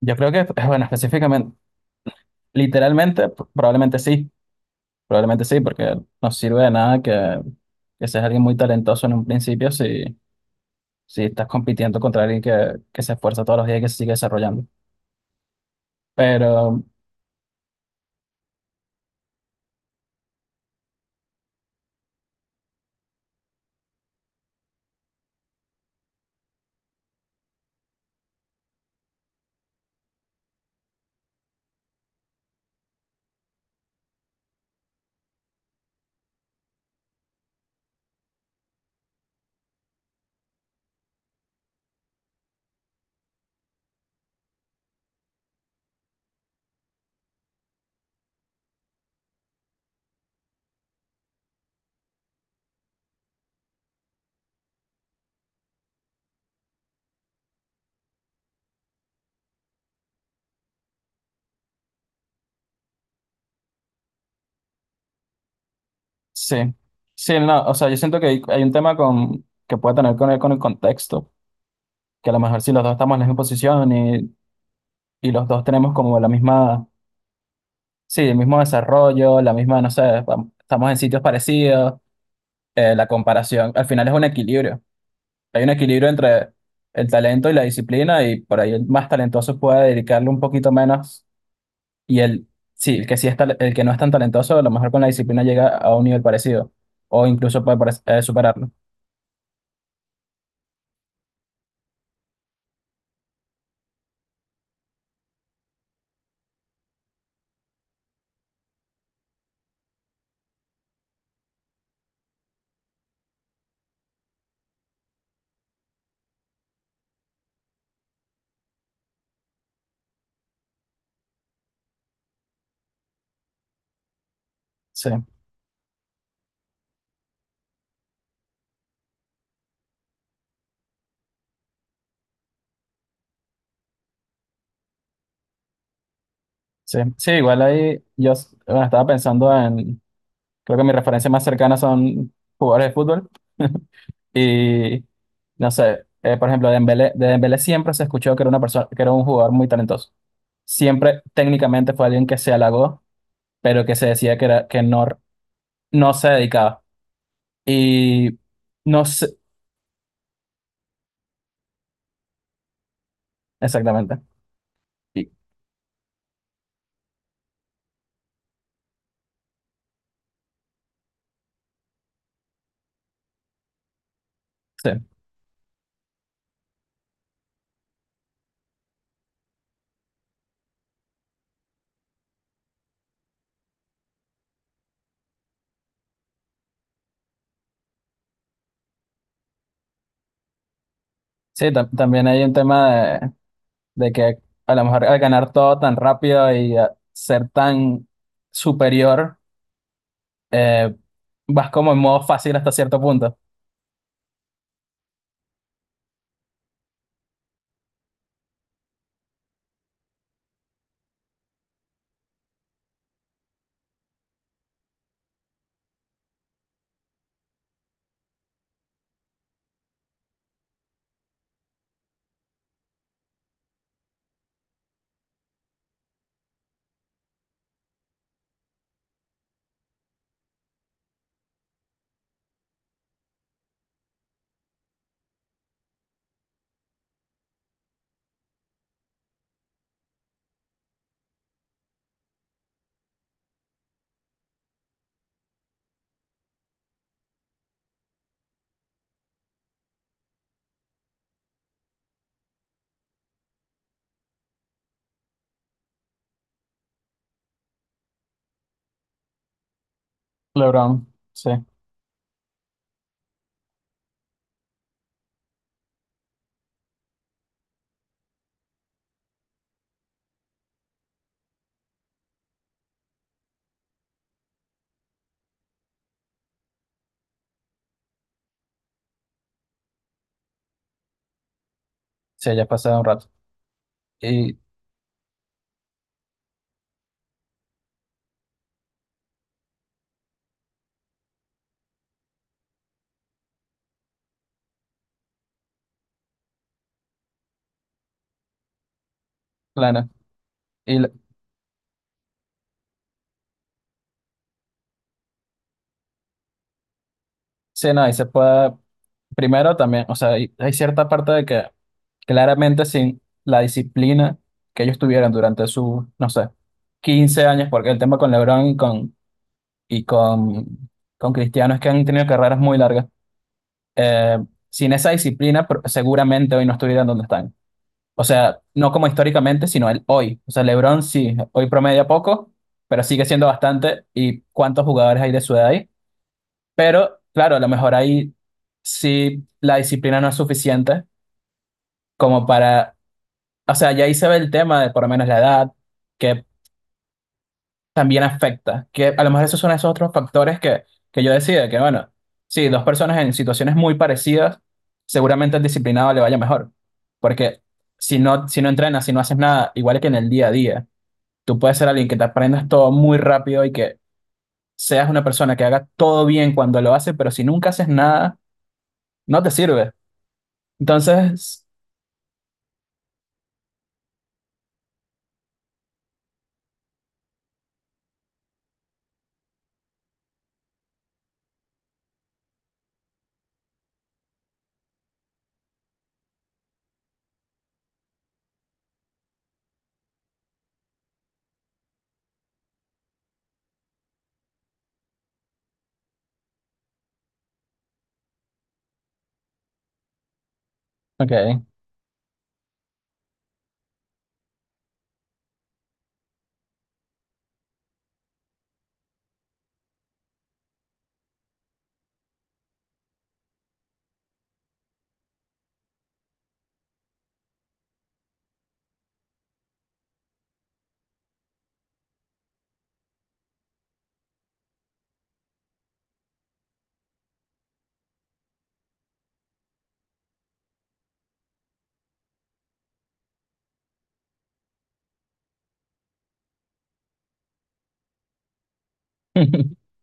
Yo creo que, bueno, específicamente, literalmente, probablemente sí, porque no sirve de nada que seas alguien muy talentoso en un principio si estás compitiendo contra alguien que se esfuerza todos los días y que se sigue desarrollando. Pero sí, sí, no, o sea, yo siento que hay un tema que puede tener que ver con el contexto, que a lo mejor si los dos estamos en la misma posición y los dos tenemos como la misma, sí, el mismo desarrollo, la misma, no sé, estamos en sitios parecidos, la comparación, al final es un equilibrio. Hay un equilibrio entre el talento y la disciplina y por ahí el más talentoso puede dedicarle un poquito menos y sí, el que el que no es tan talentoso, a lo mejor con la disciplina llega a un nivel parecido o incluso puede superarlo. Sí, sí, sí, igual ahí bueno, estaba pensando en, creo que mis referencias más cercanas son jugadores de fútbol y no sé, por ejemplo, de Dembélé siempre se escuchó que era una persona, que era un jugador muy talentoso. Siempre técnicamente fue alguien que se halagó pero que se decía era, que no se dedicaba. Y no sé exactamente. Y- Sí, también hay un tema de que a lo mejor al ganar todo tan rápido y a ser tan superior, eh, vas como en modo fácil hasta cierto punto. LeBron, sí, sí, ya pasé un rato. Y claro, y l- sí, no, y se puede, primero también, o sea, hay cierta parte de que claramente sin la disciplina que ellos tuvieran durante sus, no sé, 15 años, porque el tema con LeBron y con, con Cristiano es que han tenido carreras muy largas. Eh, Sin esa disciplina, seguramente hoy no estuvieran donde están. O sea, no como históricamente, sino el hoy. O sea, LeBron sí, hoy promedia poco, pero sigue siendo bastante. ¿Y cuántos jugadores hay de su edad ahí? Pero claro, a lo mejor ahí sí la disciplina no es suficiente como para... O sea, ya ahí se ve el tema de por lo menos la edad, que también afecta, que a lo mejor esos son esos otros factores que yo decía, que bueno, sí, dos personas en situaciones muy parecidas, seguramente al disciplinado le vaya mejor, porque si no, si no entrenas, si no haces nada, igual que en el día a día, tú puedes ser alguien que te aprendas todo muy rápido y que seas una persona que haga todo bien cuando lo hace, pero si nunca haces nada, no te sirve. Entonces, ok.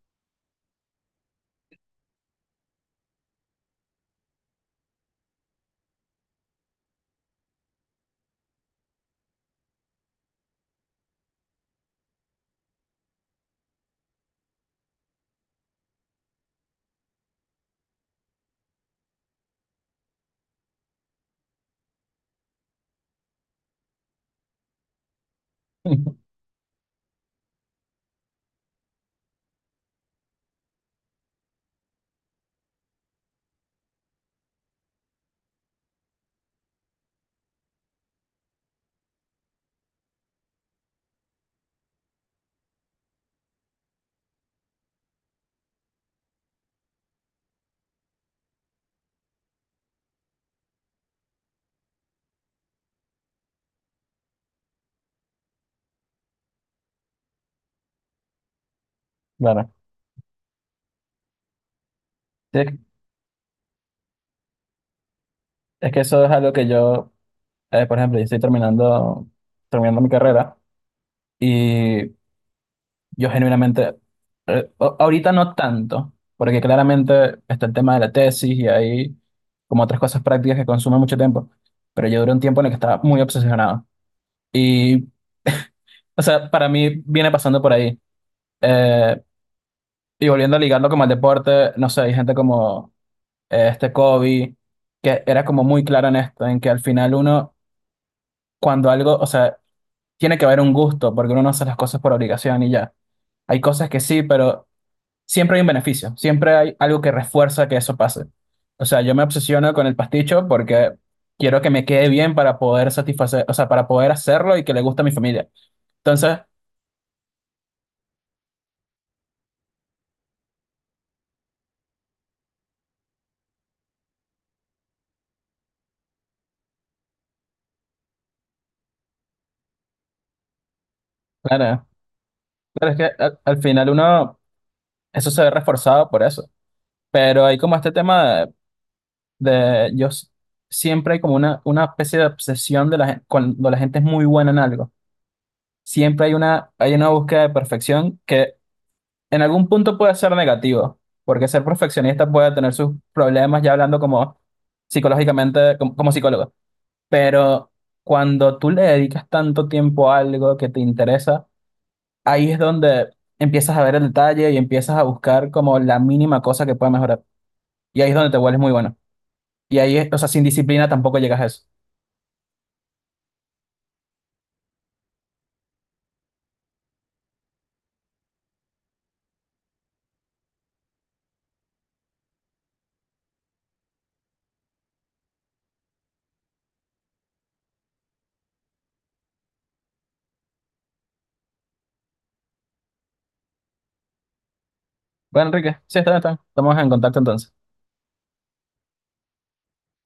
Bueno, es es que eso es algo que yo por ejemplo, yo estoy terminando mi carrera y yo genuinamente, ahorita no tanto, porque claramente está el tema de la tesis y hay como otras cosas prácticas que consumen mucho tiempo, pero yo duré un tiempo en el que estaba muy obsesionado. Y, o sea, para mí viene pasando por ahí. Eh, y volviendo a ligarlo como al deporte, no sé, hay gente como este Kobe, que era como muy claro en esto, en que al final uno, cuando algo, o sea, tiene que haber un gusto, porque uno no hace las cosas por obligación y ya. Hay cosas que sí, pero siempre hay un beneficio, siempre hay algo que refuerza que eso pase. O sea, yo me obsesiono con el pasticho porque quiero que me quede bien para poder satisfacer, o sea, para poder hacerlo y que le guste a mi familia. Entonces, claro, claro, es que al final uno, eso se ve reforzado por eso. Pero hay como este tema de, de yo s- siempre hay como una especie de obsesión de cuando la gente es muy buena en algo siempre hay hay una búsqueda de perfección que en algún punto puede ser negativo, porque ser perfeccionista puede tener sus problemas ya hablando como psicológicamente, como psicólogo. Pero cuando tú le dedicas tanto tiempo a algo que te interesa, ahí es donde empiezas a ver el detalle y empiezas a buscar como la mínima cosa que pueda mejorar. Y ahí es donde te vuelves muy bueno. Y ahí, o sea, sin disciplina tampoco llegas a eso. Bueno, Enrique, sí, está bien, está bien. Estamos en contacto entonces.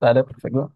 Dale, perfecto.